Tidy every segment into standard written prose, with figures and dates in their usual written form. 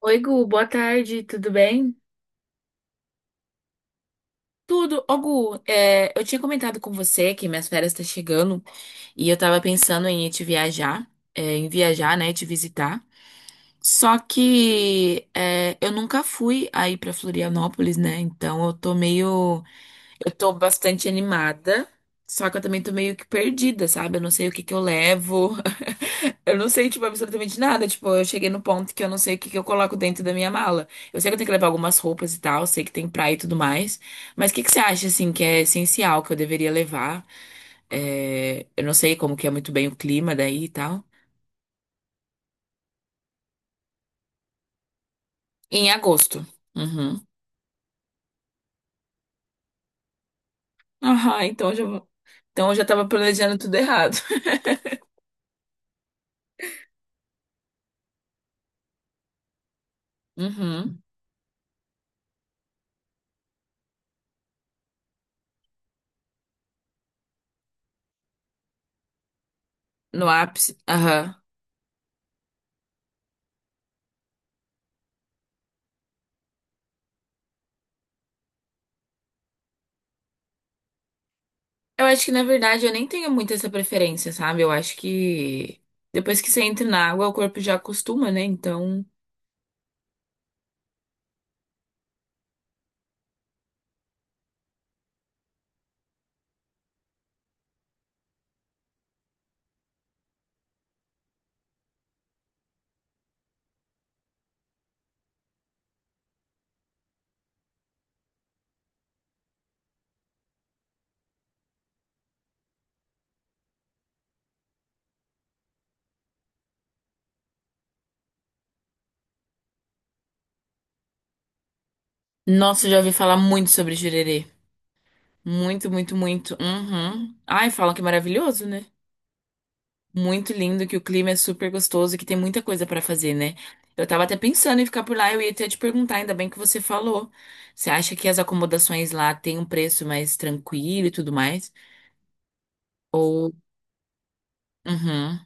Oi, Gu, boa tarde, tudo bem? Tudo. Ô, Gu, eu tinha comentado com você que minhas férias estão chegando e eu tava pensando em ir te viajar, te visitar. Só que eu nunca fui aí pra Florianópolis, né? Então eu tô meio. Eu tô bastante animada, só que eu também tô meio que perdida, sabe? Eu não sei o que que eu levo. Eu não sei, tipo, absolutamente nada. Tipo, eu cheguei no ponto que eu não sei o que que eu coloco dentro da minha mala. Eu sei que eu tenho que levar algumas roupas e tal, sei que tem praia e tudo mais. Mas o que que você acha, assim, que é essencial, que eu deveria levar? Eu não sei como que é muito bem o clima daí e tal. Em agosto. Uhum. Aham, então eu já vou... Então eu já tava planejando tudo errado. Uhum. No ápice. Aham. Eu acho que, na verdade, eu nem tenho muito essa preferência, sabe? Eu acho que depois que você entra na água, o corpo já acostuma, né? Então. Nossa, eu já ouvi falar muito sobre jurerê. Muito, muito, muito. Uhum. Ai, falam que é maravilhoso, né? Muito lindo, que o clima é super gostoso e que tem muita coisa pra fazer, né? Eu tava até pensando em ficar por lá, eu ia até te perguntar, ainda bem que você falou. Você acha que as acomodações lá têm um preço mais tranquilo e tudo mais? Ou. Uhum.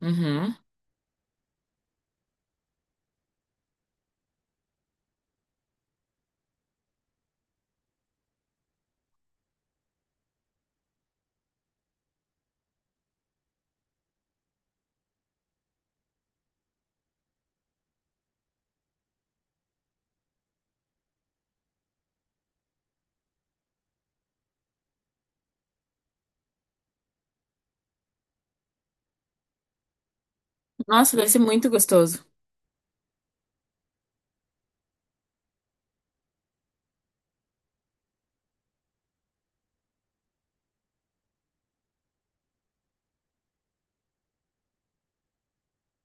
Uhum. Nossa, deve ser muito gostoso.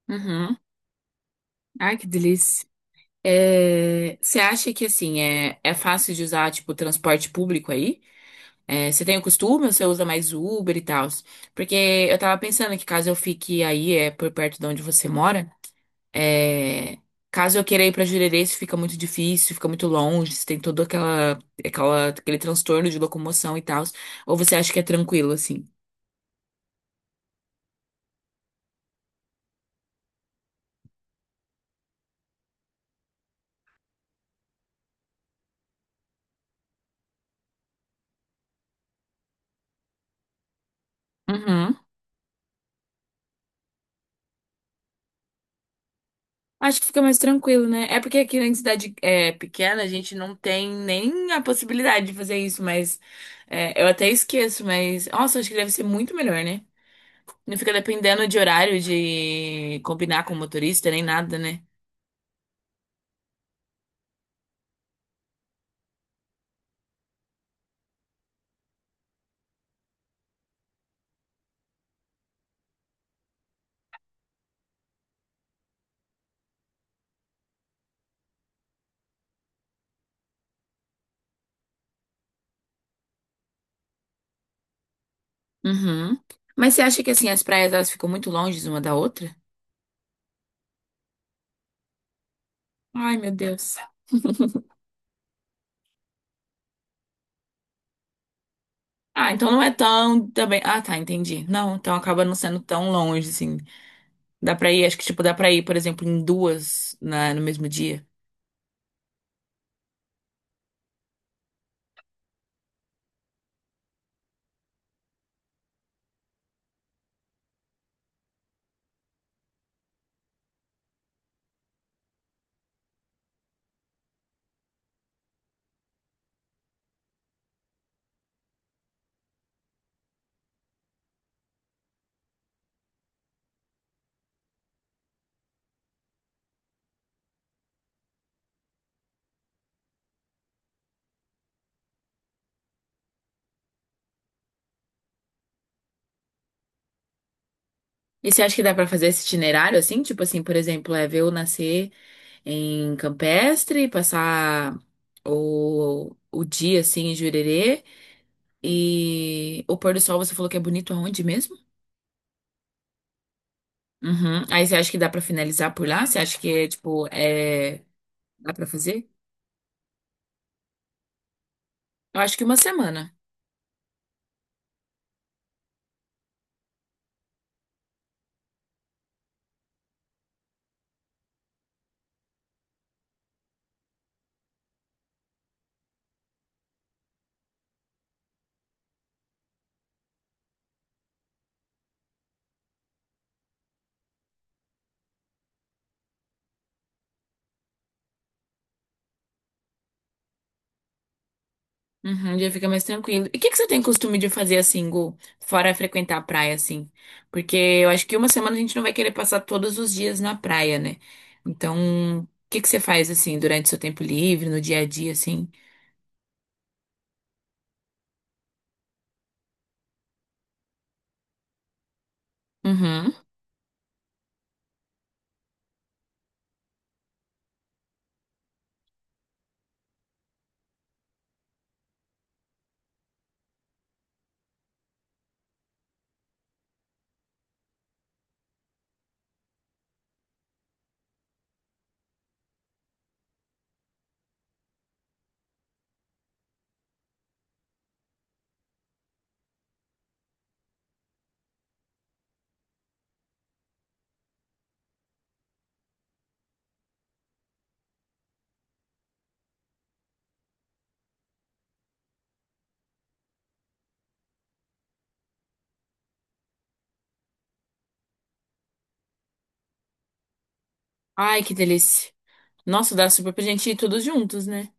Uhum. Ai, que delícia. Você acha que assim é fácil de usar tipo transporte público aí? Você tem o costume ou você usa mais Uber e tal? Porque eu tava pensando que caso eu fique aí, é por perto de onde você mora, é, caso eu queira ir pra Jurerê, isso fica muito difícil, fica muito longe, você tem todo aquela, aquele transtorno de locomoção e tal. Ou você acha que é tranquilo assim? Uhum. Acho que fica mais tranquilo, né? É porque aqui na cidade é, pequena a gente não tem nem a possibilidade de fazer isso, mas é, eu até esqueço, mas nossa, acho que deve ser muito melhor, né? Não fica dependendo de horário de combinar com o motorista nem nada, né? Uhum. Mas você acha que assim as praias elas ficam muito longe uma da outra? Ai, meu Deus. Ah, então não é tão também. Ah, tá, entendi. Não, então acaba não sendo tão longe assim. Dá pra ir, acho que tipo dá pra ir, por exemplo, em duas no mesmo dia. E você acha que dá pra fazer esse itinerário assim? Tipo assim, por exemplo, é ver eu nascer em Campestre, passar o dia assim em Jurerê e o pôr do sol você falou que é bonito aonde mesmo? Uhum. Aí você acha que dá pra finalizar por lá? Você acha que é tipo, é... dá pra fazer? Eu acho que uma semana. Uhum, já fica mais tranquilo. E o que que você tem costume de fazer assim, Gu? Fora frequentar a praia, assim? Porque eu acho que uma semana a gente não vai querer passar todos os dias na praia, né? Então, o que que você faz assim durante seu tempo livre, no dia a dia, assim? Uhum. Ai, que delícia. Nossa, dá super pra gente ir todos juntos, né?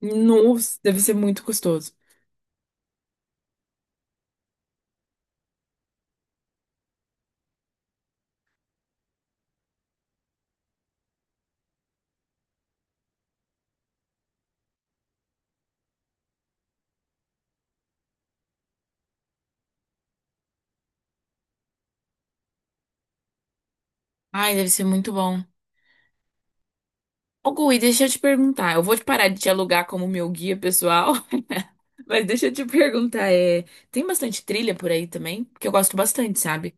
Nossa, deve ser muito gostoso. Ai, deve ser muito bom. Ô, Gui, deixa eu te perguntar. Eu vou te parar de te alugar como meu guia pessoal, mas deixa eu te perguntar, tem bastante trilha por aí também? Porque eu gosto bastante, sabe?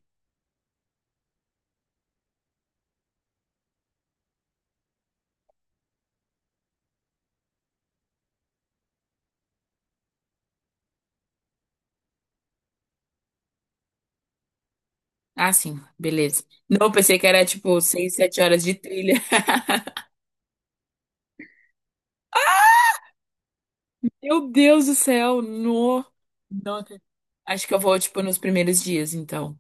Ah, sim, beleza. Não, eu pensei que era tipo seis, sete horas de trilha. Meu Deus do céu, no. Não, acho que eu vou, tipo, nos primeiros dias, então.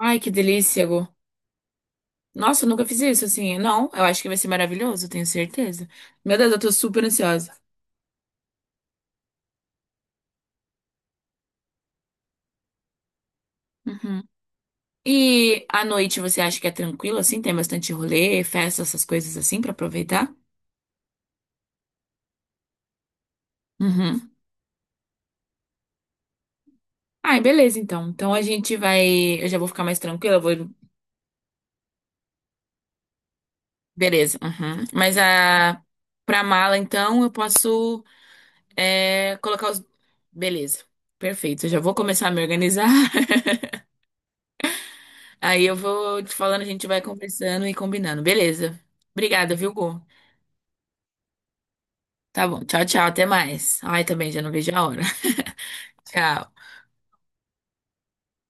Ai, que delícia, Gu. Nossa, eu nunca fiz isso, assim. Não, eu acho que vai ser maravilhoso, eu tenho certeza. Meu Deus, eu tô super ansiosa. Uhum. E à noite você acha que é tranquilo assim? Tem bastante rolê, festa, essas coisas assim pra aproveitar? Uhum. Ai, beleza então. Então a gente vai. Eu já vou ficar mais tranquila, eu vou. Beleza. Uhum. Mas a. Pra mala então eu posso colocar os. Beleza. Perfeito. Eu já vou começar a me organizar. Aí eu vou te falando, a gente vai conversando e combinando. Beleza. Obrigada, viu, Gu? Tá bom. Tchau, tchau. Até mais. Ai, também já não vejo a hora. Tchau.